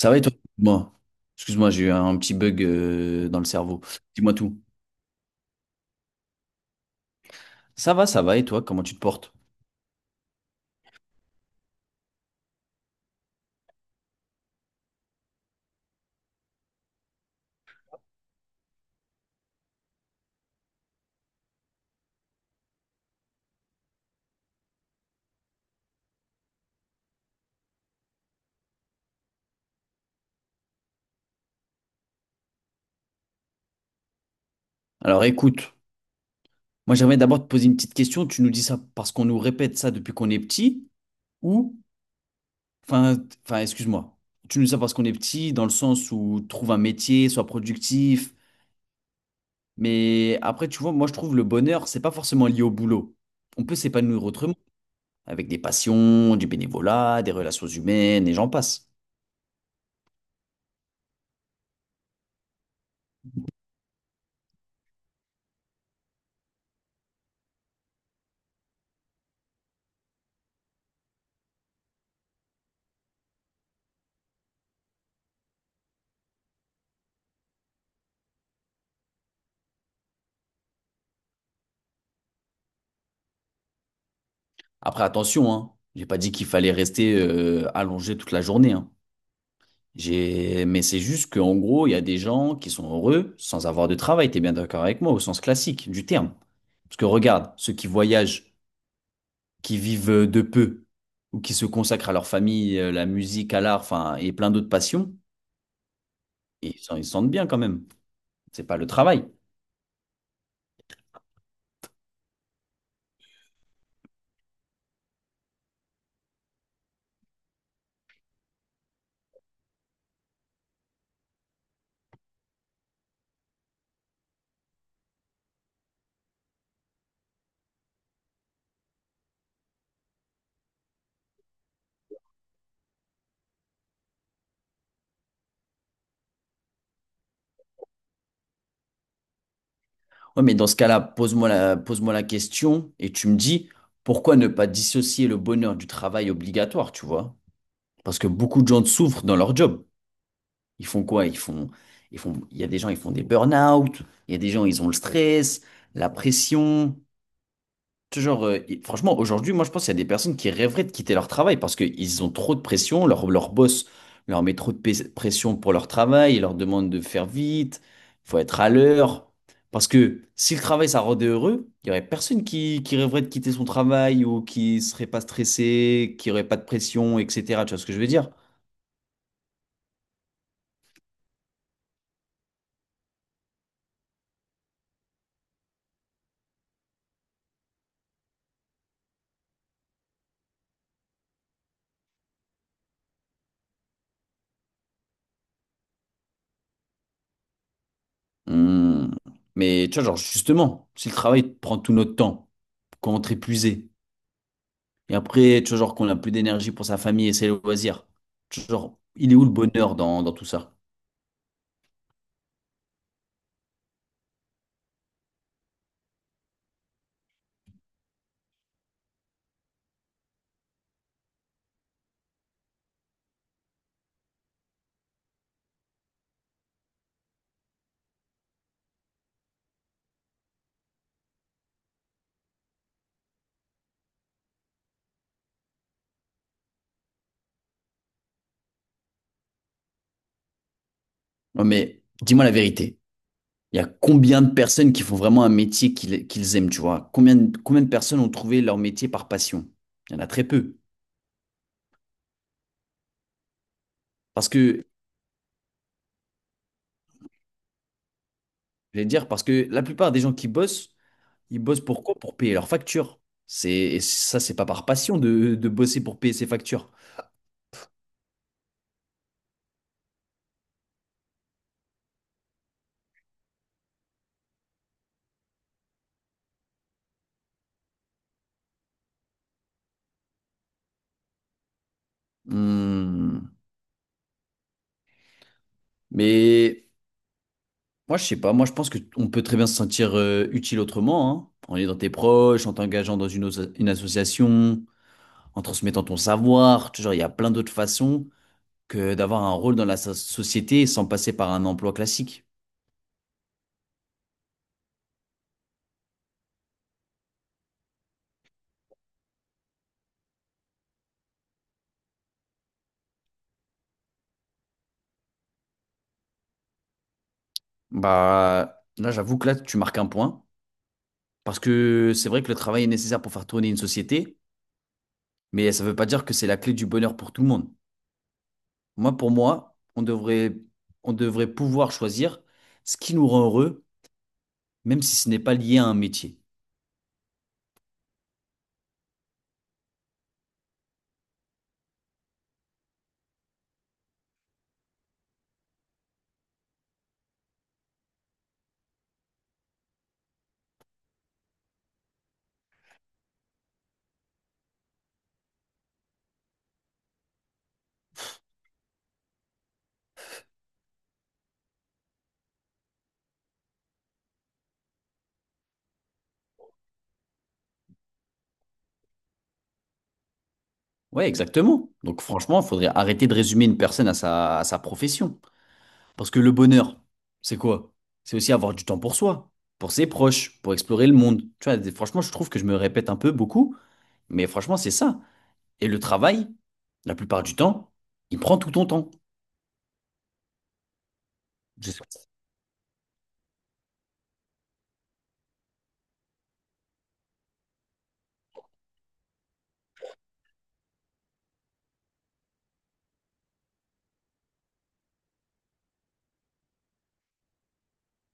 Ça va et toi? Moi, excuse-moi, j'ai eu un petit bug dans le cerveau. Dis-moi tout. Ça va et toi, comment tu te portes? Alors écoute, moi j'aimerais d'abord te poser une petite question. Tu nous dis ça parce qu'on nous répète ça depuis qu'on est petit ou, enfin, t- enfin, excuse-moi, tu nous dis ça parce qu'on est petit dans le sens où trouve un métier, sois productif. Mais après, tu vois, moi je trouve le bonheur, c'est pas forcément lié au boulot. On peut s'épanouir autrement, avec des passions, du bénévolat, des relations humaines et j'en passe. Après, attention, hein. J'ai pas dit qu'il fallait rester allongé toute la journée, hein. J'ai... Mais c'est juste qu'en gros, il y a des gens qui sont heureux sans avoir de travail. T'es bien d'accord avec moi, au sens classique du terme. Parce que regarde, ceux qui voyagent, qui vivent de peu, ou qui se consacrent à leur famille, la musique, à l'art, enfin, et plein d'autres passions, et ils se sentent bien quand même. C'est pas le travail. Ouais, mais dans ce cas-là, pose-moi la question et tu me dis pourquoi ne pas dissocier le bonheur du travail obligatoire, tu vois? Parce que beaucoup de gens souffrent dans leur job. Ils font quoi? Ils font, il y a des gens, ils font des burn-out. Il y a des gens, ils ont le stress, la pression. Ce genre, et franchement, aujourd'hui, moi, je pense qu'il y a des personnes qui rêveraient de quitter leur travail parce qu'ils ont trop de pression. Leur boss leur met pression pour leur travail. Il leur demande de faire vite. Il faut être à l'heure. Parce que si le travail, ça rendait heureux, il n'y aurait personne qui rêverait de quitter son travail ou qui serait pas stressé, qui aurait pas de pression, etc. Tu vois ce que je veux dire? Hmm. Mais tu vois, genre, justement, si le travail prend tout notre temps, qu'on rentre épuisé, et après, tu vois, genre, qu'on n'a plus d'énergie pour sa famille et ses loisirs, tu vois, genre, il est où le bonheur dans tout ça? Non, mais dis-moi la vérité. Il y a combien de personnes qui font vraiment un métier qu'ils aiment, tu vois? Combien de personnes ont trouvé leur métier par passion? Il y en a très peu. Parce que, je vais dire, parce que la plupart des gens qui bossent, ils bossent pour quoi? Pour payer leurs factures. C'est, et ça, c'est pas par passion de bosser pour payer ses factures. Hmm. Mais moi, je sais pas. Moi, je pense qu'on peut très bien se sentir utile autrement, hein. En aidant tes proches, en t'engageant dans une association, en transmettant ton savoir. Toujours, il y a plein d'autres façons que d'avoir un rôle dans société sans passer par un emploi classique. Bah, là, j'avoue que là, tu marques un point. Parce que c'est vrai que le travail est nécessaire pour faire tourner une société, mais ça ne veut pas dire que c'est la clé du bonheur pour tout le monde. Moi, pour moi, on devrait pouvoir choisir ce qui nous rend heureux même si ce n'est pas lié à un métier. Ouais, exactement. Donc franchement, il faudrait arrêter de résumer une personne à à sa profession. Parce que le bonheur, c'est quoi? C'est aussi avoir du temps pour soi, pour ses proches, pour explorer le monde. Tu vois, franchement, je trouve que je me répète un peu beaucoup, mais franchement, c'est ça. Et le travail, la plupart du temps, il prend tout ton temps. Je sais pas.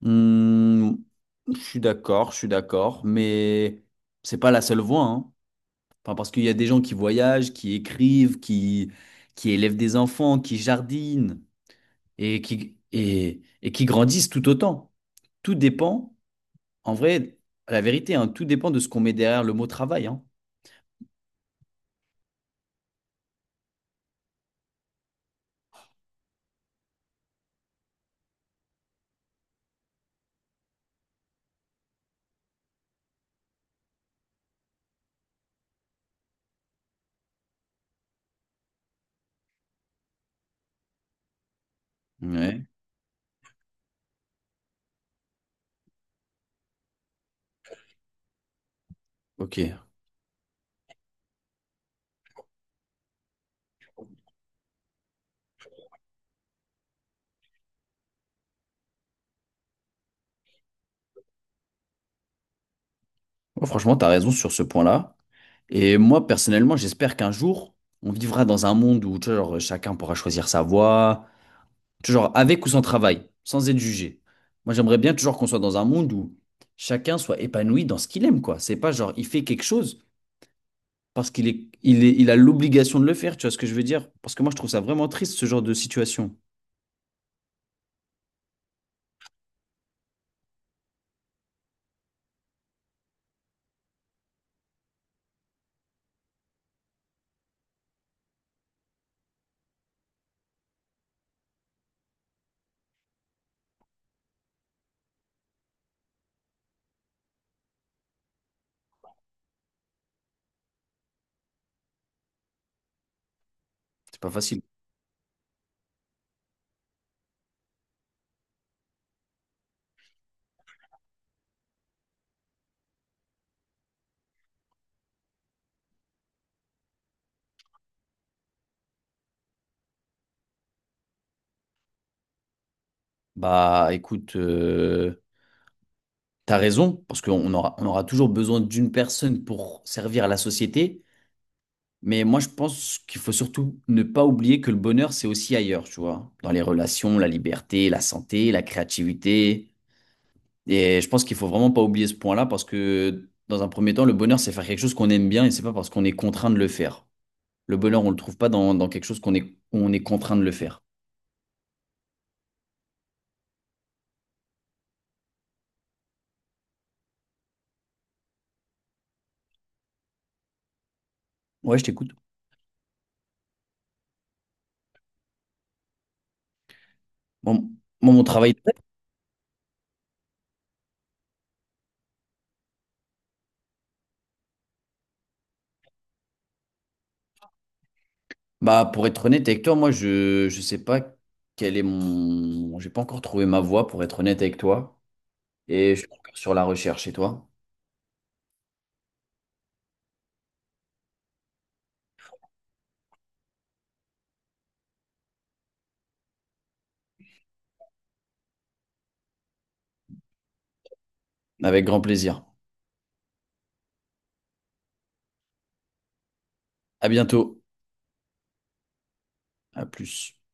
Hmm, je suis d'accord, mais c'est pas la seule voie, hein. Enfin, parce qu'il y a des gens qui voyagent, qui élèvent des enfants, qui jardinent et qui grandissent tout autant. Tout dépend, en vrai, la vérité, hein, tout dépend de ce qu'on met derrière le mot travail, hein. Ouais, ok. Ouais, franchement, tu as raison sur ce point-là. Et moi, personnellement, j'espère qu'un jour, on vivra dans un monde où, tu vois, genre, chacun pourra choisir sa voie, toujours avec ou sans travail, sans être jugé. Moi, j'aimerais bien toujours qu'on soit dans un monde où chacun soit épanoui dans ce qu'il aime, quoi. C'est pas genre, il fait quelque chose parce qu'il est, il a l'obligation de le faire, tu vois ce que je veux dire? Parce que moi, je trouve ça vraiment triste, ce genre de situation. C'est pas facile. Bah, écoute, t'as raison, parce on aura toujours besoin d'une personne pour servir à la société. Mais moi, je pense qu'il faut surtout ne pas oublier que le bonheur, c'est aussi ailleurs, tu vois. Dans les relations, la liberté, la santé, la créativité. Et je pense qu'il faut vraiment pas oublier ce point-là parce que dans un premier temps, le bonheur, c'est faire quelque chose qu'on aime bien et c'est pas parce qu'on est contraint de le faire. Le bonheur, on le trouve pas dans quelque chose on est contraint de le faire. Ouais, je t'écoute. Bon, moi, mon travail, de rêve, bah, pour être honnête avec toi, je sais pas quel est mon, j'ai pas encore trouvé ma voie pour être honnête avec toi et je suis encore sur la recherche et toi. Avec grand plaisir. À bientôt. À plus.